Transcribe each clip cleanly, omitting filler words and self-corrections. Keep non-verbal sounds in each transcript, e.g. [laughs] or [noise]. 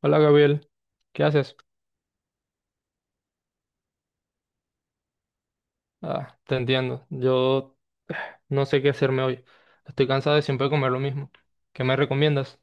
Hola Gabriel, ¿qué haces? Ah, te entiendo, yo eh, no sé qué hacerme hoy. Estoy cansado de siempre comer lo mismo. ¿Qué me recomiendas?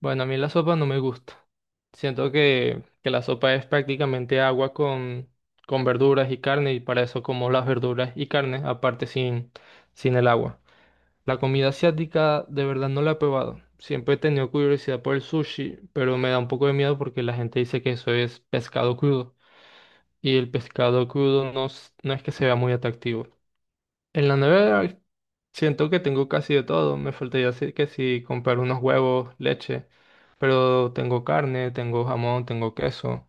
Bueno, a mí la sopa no me gusta. Siento que la sopa es prácticamente agua con verduras y carne y para eso como las verduras y carne, aparte sin el agua. La comida asiática de verdad no la he probado. Siempre he tenido curiosidad por el sushi, pero me da un poco de miedo porque la gente dice que eso es pescado crudo. Y el pescado crudo no, no es que sea muy atractivo. En la nevera siento que tengo casi de todo. Me faltaría decir que si comprar unos huevos, leche, pero tengo carne, tengo jamón, tengo queso,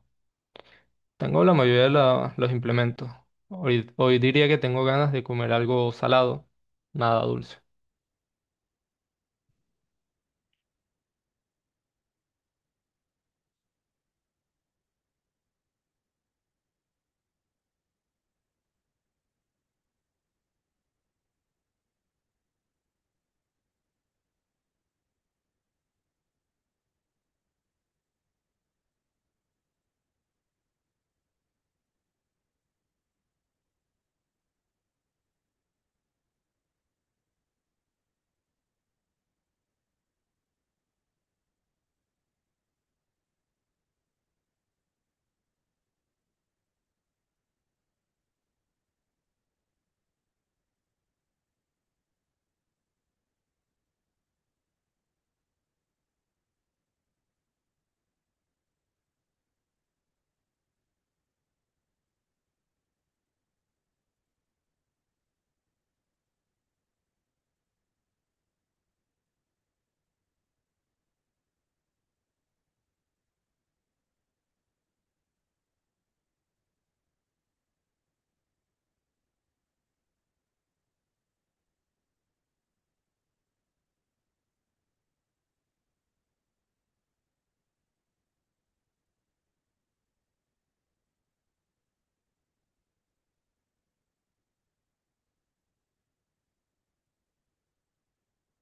tengo la mayoría de los implementos. Hoy diría que tengo ganas de comer algo salado, nada dulce.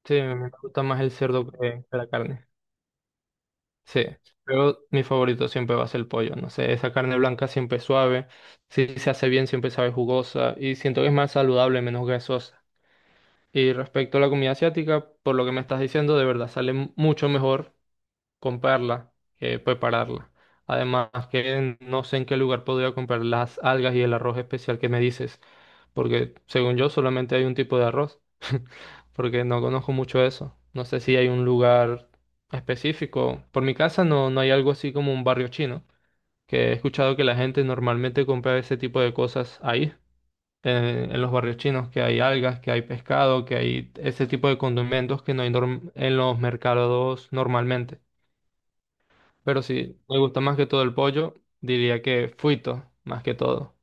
Sí, me gusta más el cerdo que la carne. Sí, pero mi favorito siempre va a ser el pollo, no sé, esa carne blanca siempre es suave, si se hace bien siempre sabe jugosa y siento que es más saludable, menos grasosa. Y respecto a la comida asiática, por lo que me estás diciendo, de verdad sale mucho mejor comprarla, prepararla. Además, que no sé en qué lugar podría comprar las algas y el arroz especial que me dices, porque según yo solamente hay un tipo de arroz, [laughs] porque no conozco mucho eso. No sé si hay un lugar específico. Por mi casa no, no hay algo así como un barrio chino, que he escuchado que la gente normalmente compra ese tipo de cosas ahí. En, en los barrios chinos, que hay algas, que hay pescado, que hay ese tipo de condimentos que no hay en los mercados normalmente. Pero si me gusta más que todo el pollo, diría que fuito, más que todo.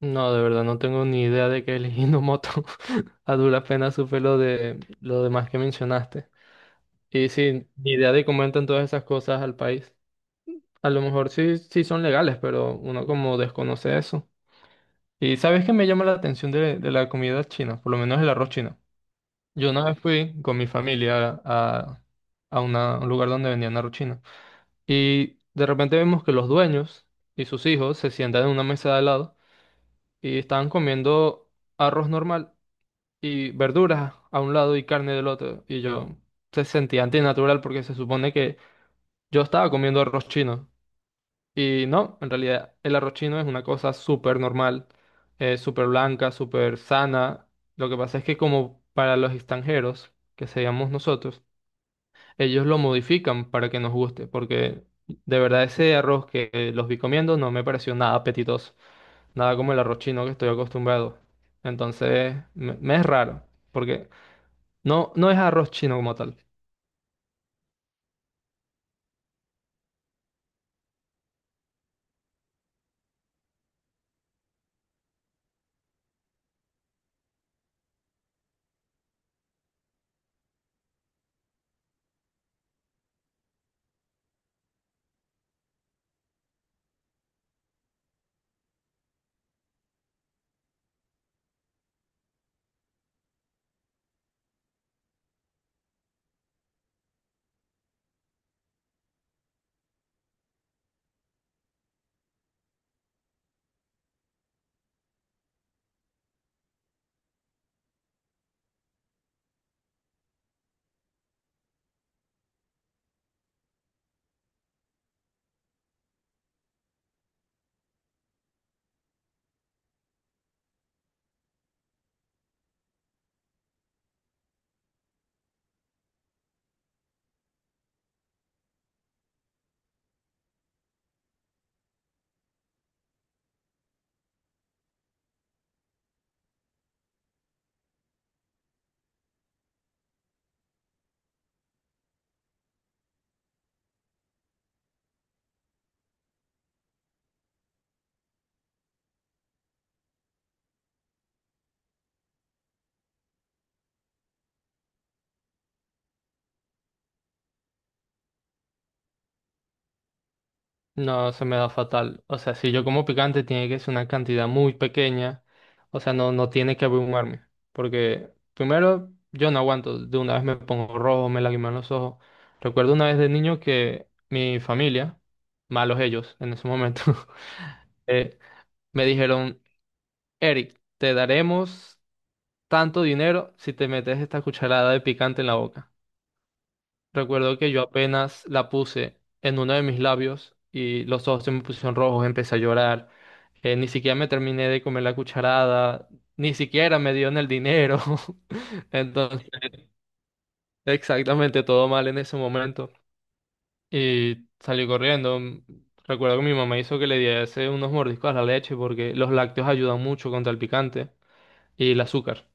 No, de verdad, no tengo ni idea de qué es el Hinomoto. [laughs] A duras penas supe lo de lo demás que mencionaste. Y sí, ni idea de cómo entran todas esas cosas al país. A lo mejor sí, sí son legales, pero uno como desconoce eso. Y sabes que me llama la atención de la comida china, por lo menos el arroz chino. Yo una vez fui con mi familia a a un lugar donde vendían arroz chino. Y de repente vemos que los dueños y sus hijos se sientan en una mesa de al lado y estaban comiendo arroz normal y verduras a un lado y carne del otro. Y yo se sentía antinatural porque se supone que yo estaba comiendo arroz chino. Y no, en realidad el arroz chino es una cosa súper normal, súper blanca, súper sana. Lo que pasa es que como para los extranjeros, que seríamos nosotros, ellos lo modifican para que nos guste, porque de verdad ese arroz que los vi comiendo no me pareció nada apetitoso, nada como el arroz chino que estoy acostumbrado. Entonces, me es raro, porque no, no es arroz chino como tal. No, se me da fatal. O sea, si yo como picante, tiene que ser una cantidad muy pequeña. O sea, no, no tiene que abrumarme. Porque primero, yo no aguanto. De una vez me pongo rojo, me lagriman los ojos. Recuerdo una vez de niño que mi familia, malos ellos en ese momento, [laughs] eh, me dijeron, Eric, te daremos tanto dinero si te metes esta cucharada de picante en la boca. Recuerdo que yo apenas la puse en uno de mis labios y los ojos se me pusieron rojos, empecé a llorar. Ni siquiera me terminé de comer la cucharada, ni siquiera me dieron el dinero. [laughs] Entonces, exactamente todo mal en ese momento. Y salí corriendo. Recuerdo que mi mamá hizo que le diese unos mordiscos a la leche porque los lácteos ayudan mucho contra el picante y el azúcar.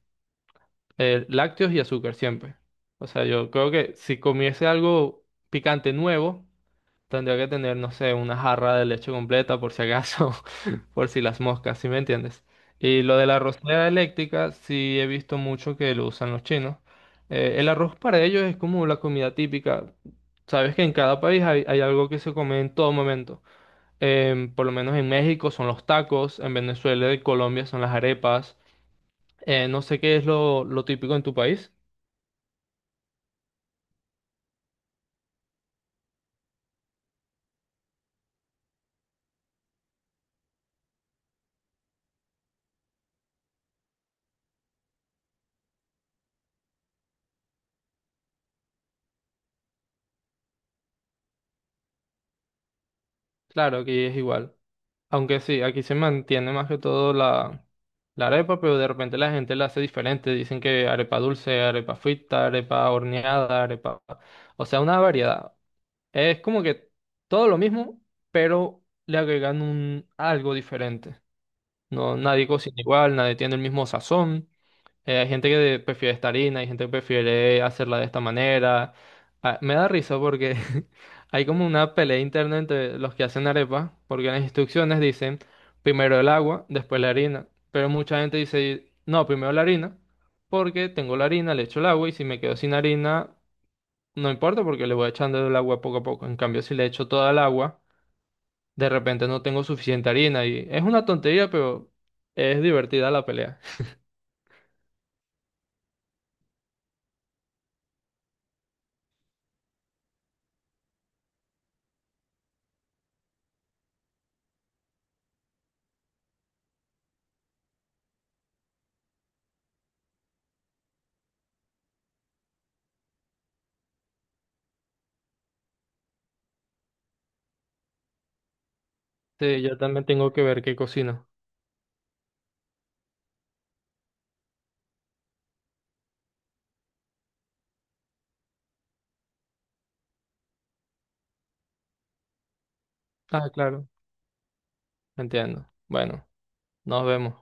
Lácteos y azúcar siempre. O sea, yo creo que si comiese algo picante nuevo tendría que tener, no sé, una jarra de leche completa por si acaso, [laughs] por si las moscas, ¿sí me entiendes? Y lo de la arrocera eléctrica, sí he visto mucho que lo usan los chinos. El arroz para ellos es como la comida típica. Sabes que en cada país hay algo que se come en todo momento. Por lo menos en México son los tacos, en Venezuela y Colombia son las arepas. No sé qué es lo típico en tu país. Claro que es igual. Aunque sí, aquí se mantiene más que todo la arepa, pero de repente la gente la hace diferente. Dicen que arepa dulce, arepa frita, arepa horneada, arepa... O sea, una variedad. Es como que todo lo mismo, pero le agregan un algo diferente. No, nadie cocina igual, nadie tiene el mismo sazón. Hay gente que prefiere esta harina, hay gente que prefiere hacerla de esta manera. Ah, me da risa porque [laughs] hay como una pelea interna entre los que hacen arepa, porque en las instrucciones dicen primero el agua, después la harina. Pero mucha gente dice, no, primero la harina, porque tengo la harina, le echo el agua y si me quedo sin harina, no importa porque le voy echando el agua poco a poco. En cambio, si le echo toda el agua, de repente no tengo suficiente harina y es una tontería, pero es divertida la pelea. Sí, yo también tengo que ver qué cocino. Ah, claro, entiendo. Bueno, nos vemos.